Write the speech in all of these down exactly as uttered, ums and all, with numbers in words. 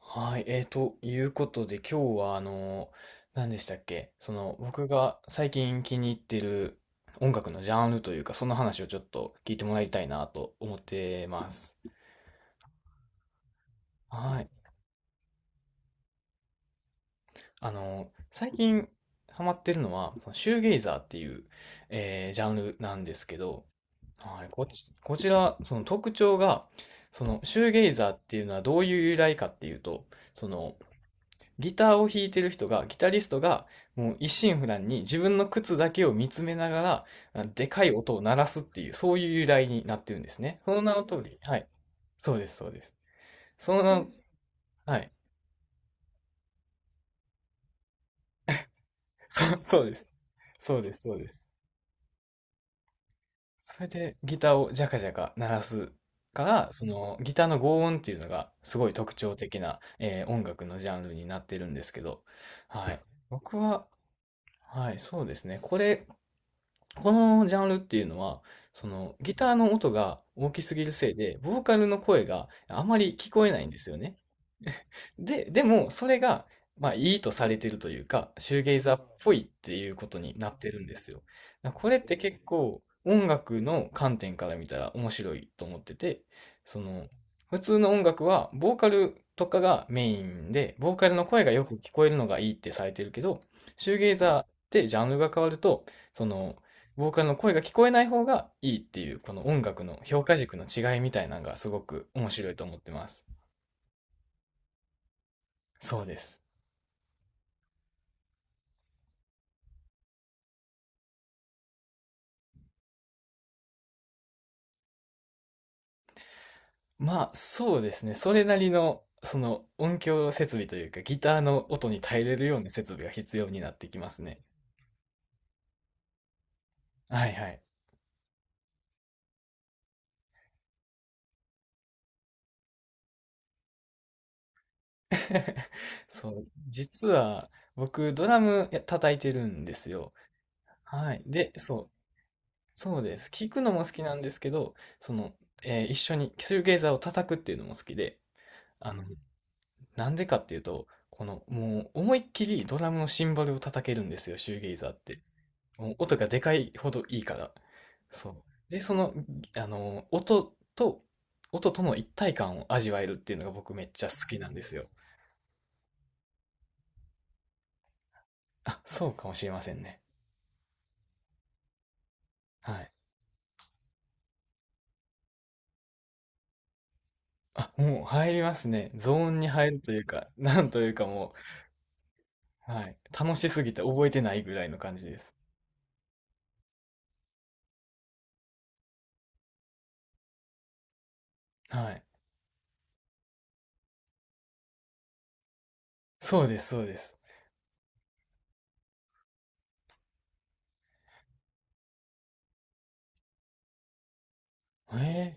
はい、えーということで、今日はあの、何でしたっけ、その僕が最近気に入ってる音楽のジャンルというか、その話をちょっと聞いてもらいたいなと思ってます。はい。あの、最近ハマってるのは、そのシューゲイザーっていう、えージャンルなんですけど、はい、こち、こちら、その特徴が、そのシューゲイザーっていうのはどういう由来かっていうと、その、ギターを弾いてる人が、ギタリストが、もう一心不乱に自分の靴だけを見つめながら、でかい音を鳴らすっていう、そういう由来になってるんですね。その名の通り、はい。そうです、そうです。その名の。はい。そう、そうです。そうです、そうです。それでギターをジャカジャカ鳴らすから、そのギターの轟音っていうのがすごい特徴的な、えー音楽のジャンルになってるんですけど、はい。僕は、はい、そうですね。これこのジャンルっていうのは、そのギターの音が大きすぎるせいで、ボーカルの声があまり聞こえないんですよね。で、でも、それが、まあ、いいとされてるというか、シューゲイザーっぽいっていうことになってるんですよ。だからこれって結構、音楽の観点から見たら面白いと思ってて、その、普通の音楽は、ボーカルとかがメインで、ボーカルの声がよく聞こえるのがいいってされてるけど、シューゲイザーってジャンルが変わると、その、ボーカルの声が聞こえない方がいいっていう、この音楽の評価軸の違いみたいなのがすごく面白いと思ってます。そうです。まあ、そうですね。それなりの、その音響設備というか、ギターの音に耐えれるような設備が必要になってきますね。はいはい。そう、実は僕ドラムや叩いてるんですよ。はい。で、そう、そうです。聞くのも好きなんですけど、その、えー一緒にシューゲイザーを叩くっていうのも好きで、あの、なんでかっていうと、この、もう思いっきりドラムのシンバルを叩けるんですよ、シューゲイザーって。音がでかいほどいいから。そう。で、その、あの、音と、音との一体感を味わえるっていうのが僕めっちゃ好きなんですよ。あ、そうかもしれませんね。はい。あ、もう入りますね。ゾーンに入るというか、なんというかもう、はい。楽しすぎて覚えてないぐらいの感じです。はい。そうです、そうです。え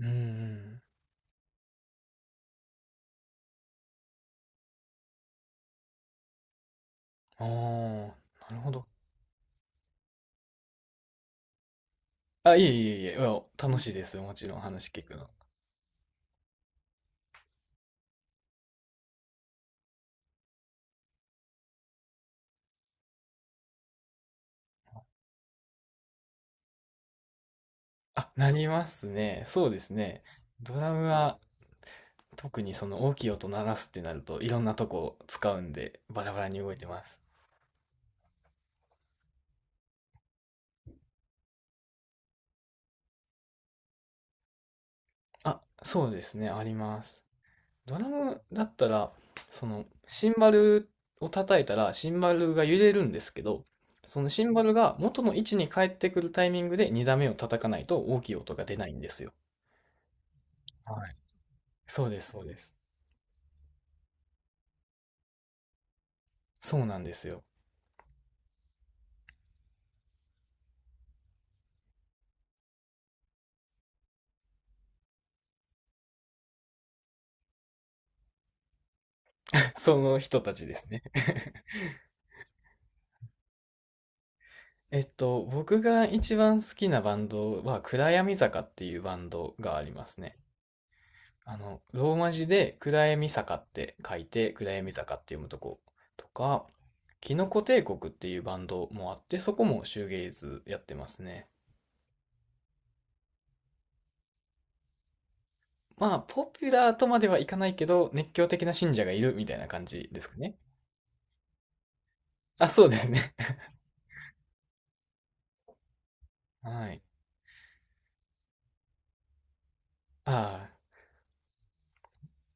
ー、うんうん。ああ、なるほど。あ、いえいえいえ、いや楽しいです。もちろん話聞くの。あ、なりますね。そうですね。ドラムは特にその大きい音鳴らすってなるといろんなとこ使うんでバラバラに動いてます。あ、そうですね。あります。ドラムだったら、そのシンバルを叩いたらシンバルが揺れるんですけど、そのシンバルが元の位置に帰ってくるタイミングでに打目を叩かないと大きい音が出ないんですよ。はい。そうです、そうです。そうなんですよ。その人たちですね。えっと、僕が一番好きなバンドは、暗闇坂っていうバンドがありますね。あの、ローマ字で暗闇坂って書いて、暗闇坂って読むとことか、キノコ帝国っていうバンドもあって、そこもシューゲイズやってますね。まあ、ポピュラーとまではいかないけど、熱狂的な信者がいるみたいな感じですかね。あ、そうですね。はい。ああ、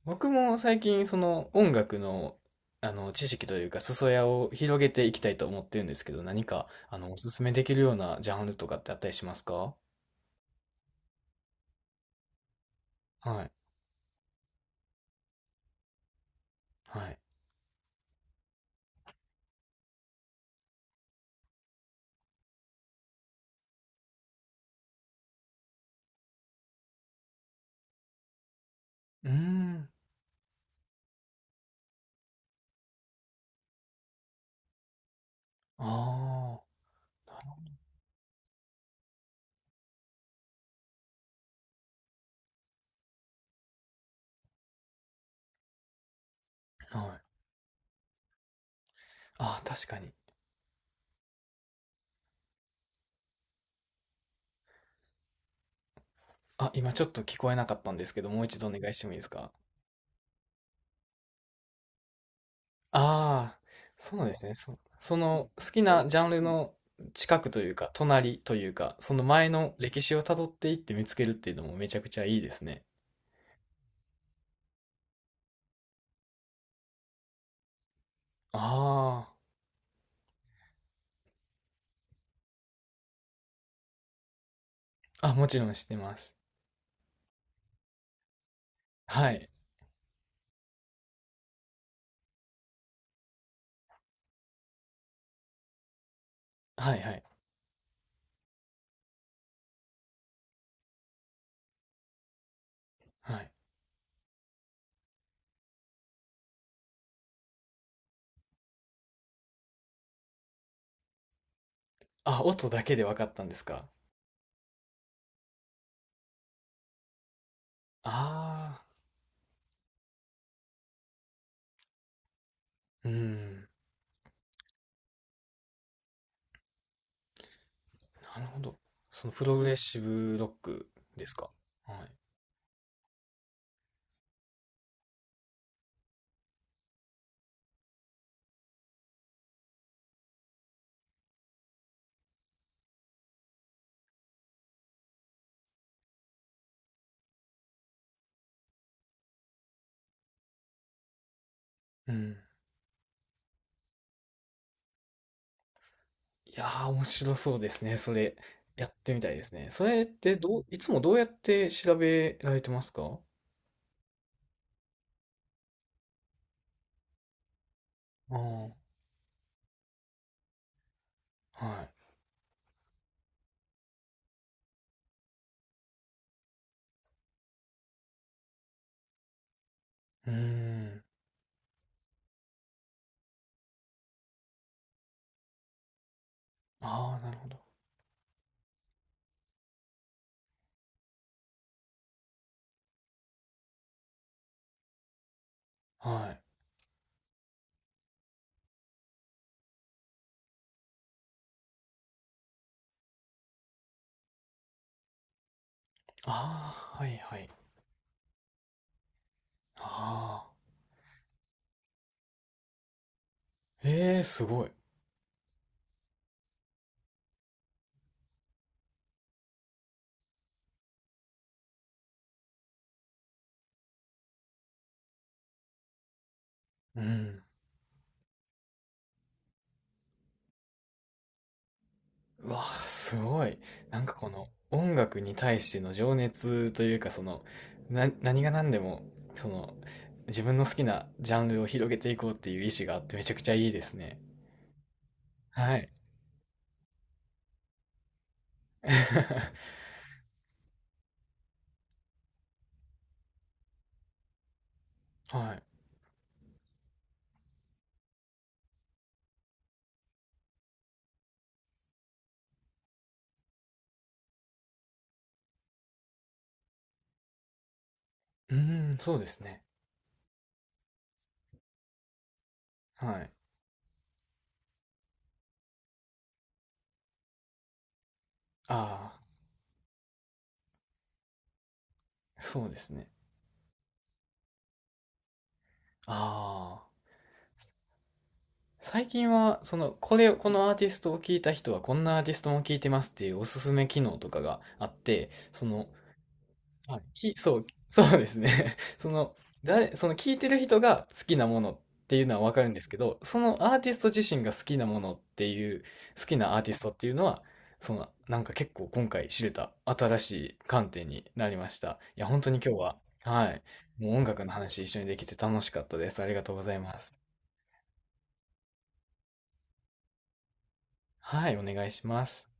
僕も最近その音楽の、あの知識というか裾野を広げていきたいと思ってるんですけど、何かあのおすすめできるようなジャンルとかってあったりしますか？はい。はい。うーん。ああ。はい。ああ、確かに。あ、今ちょっと聞こえなかったんですけど、もう一度お願いしてもいいですか？ああ、そうですね。そ、その好きなジャンルの近くというか、隣というか、その前の歴史をたどっていって見つけるっていうのもめちゃくちゃいいですね。ああ。あ、もちろん知ってます。はい。はいはい。はい。あ、音だけで分かったんですか？ああー、うん。なるほど。そのプログレッシブロックですか？はい。うん。いやー、面白そうですね。それ、やってみたいですね。それってどう、いつもどうやって調べられてますか？ああはい。うーん。ああ、なるほど。はい。ああ、はいはい。ああ、ええー、すごい。うん。うわあ、すごい。なんかこの音楽に対しての情熱というか、その、な、何が何でも、その、自分の好きなジャンルを広げていこうっていう意志があってめちゃくちゃいいですね。はい。はい。うーん、そうですね。はい。ああ、そうですね。ああ。最近は、その、これを、このアーティストを聞いた人は、こんなアーティストも聞いてますっていうおすすめ機能とかがあって、その、はい、き、そう、そうですね。その、誰、その聞いてる人が好きなものっていうのはわかるんですけど、そのアーティスト自身が好きなものっていう、好きなアーティストっていうのは、その、なんか結構今回知れた新しい観点になりました。いや、本当に今日は、はい、もう音楽の話一緒にできて楽しかったです。ありがとうございます。はい、お願いします。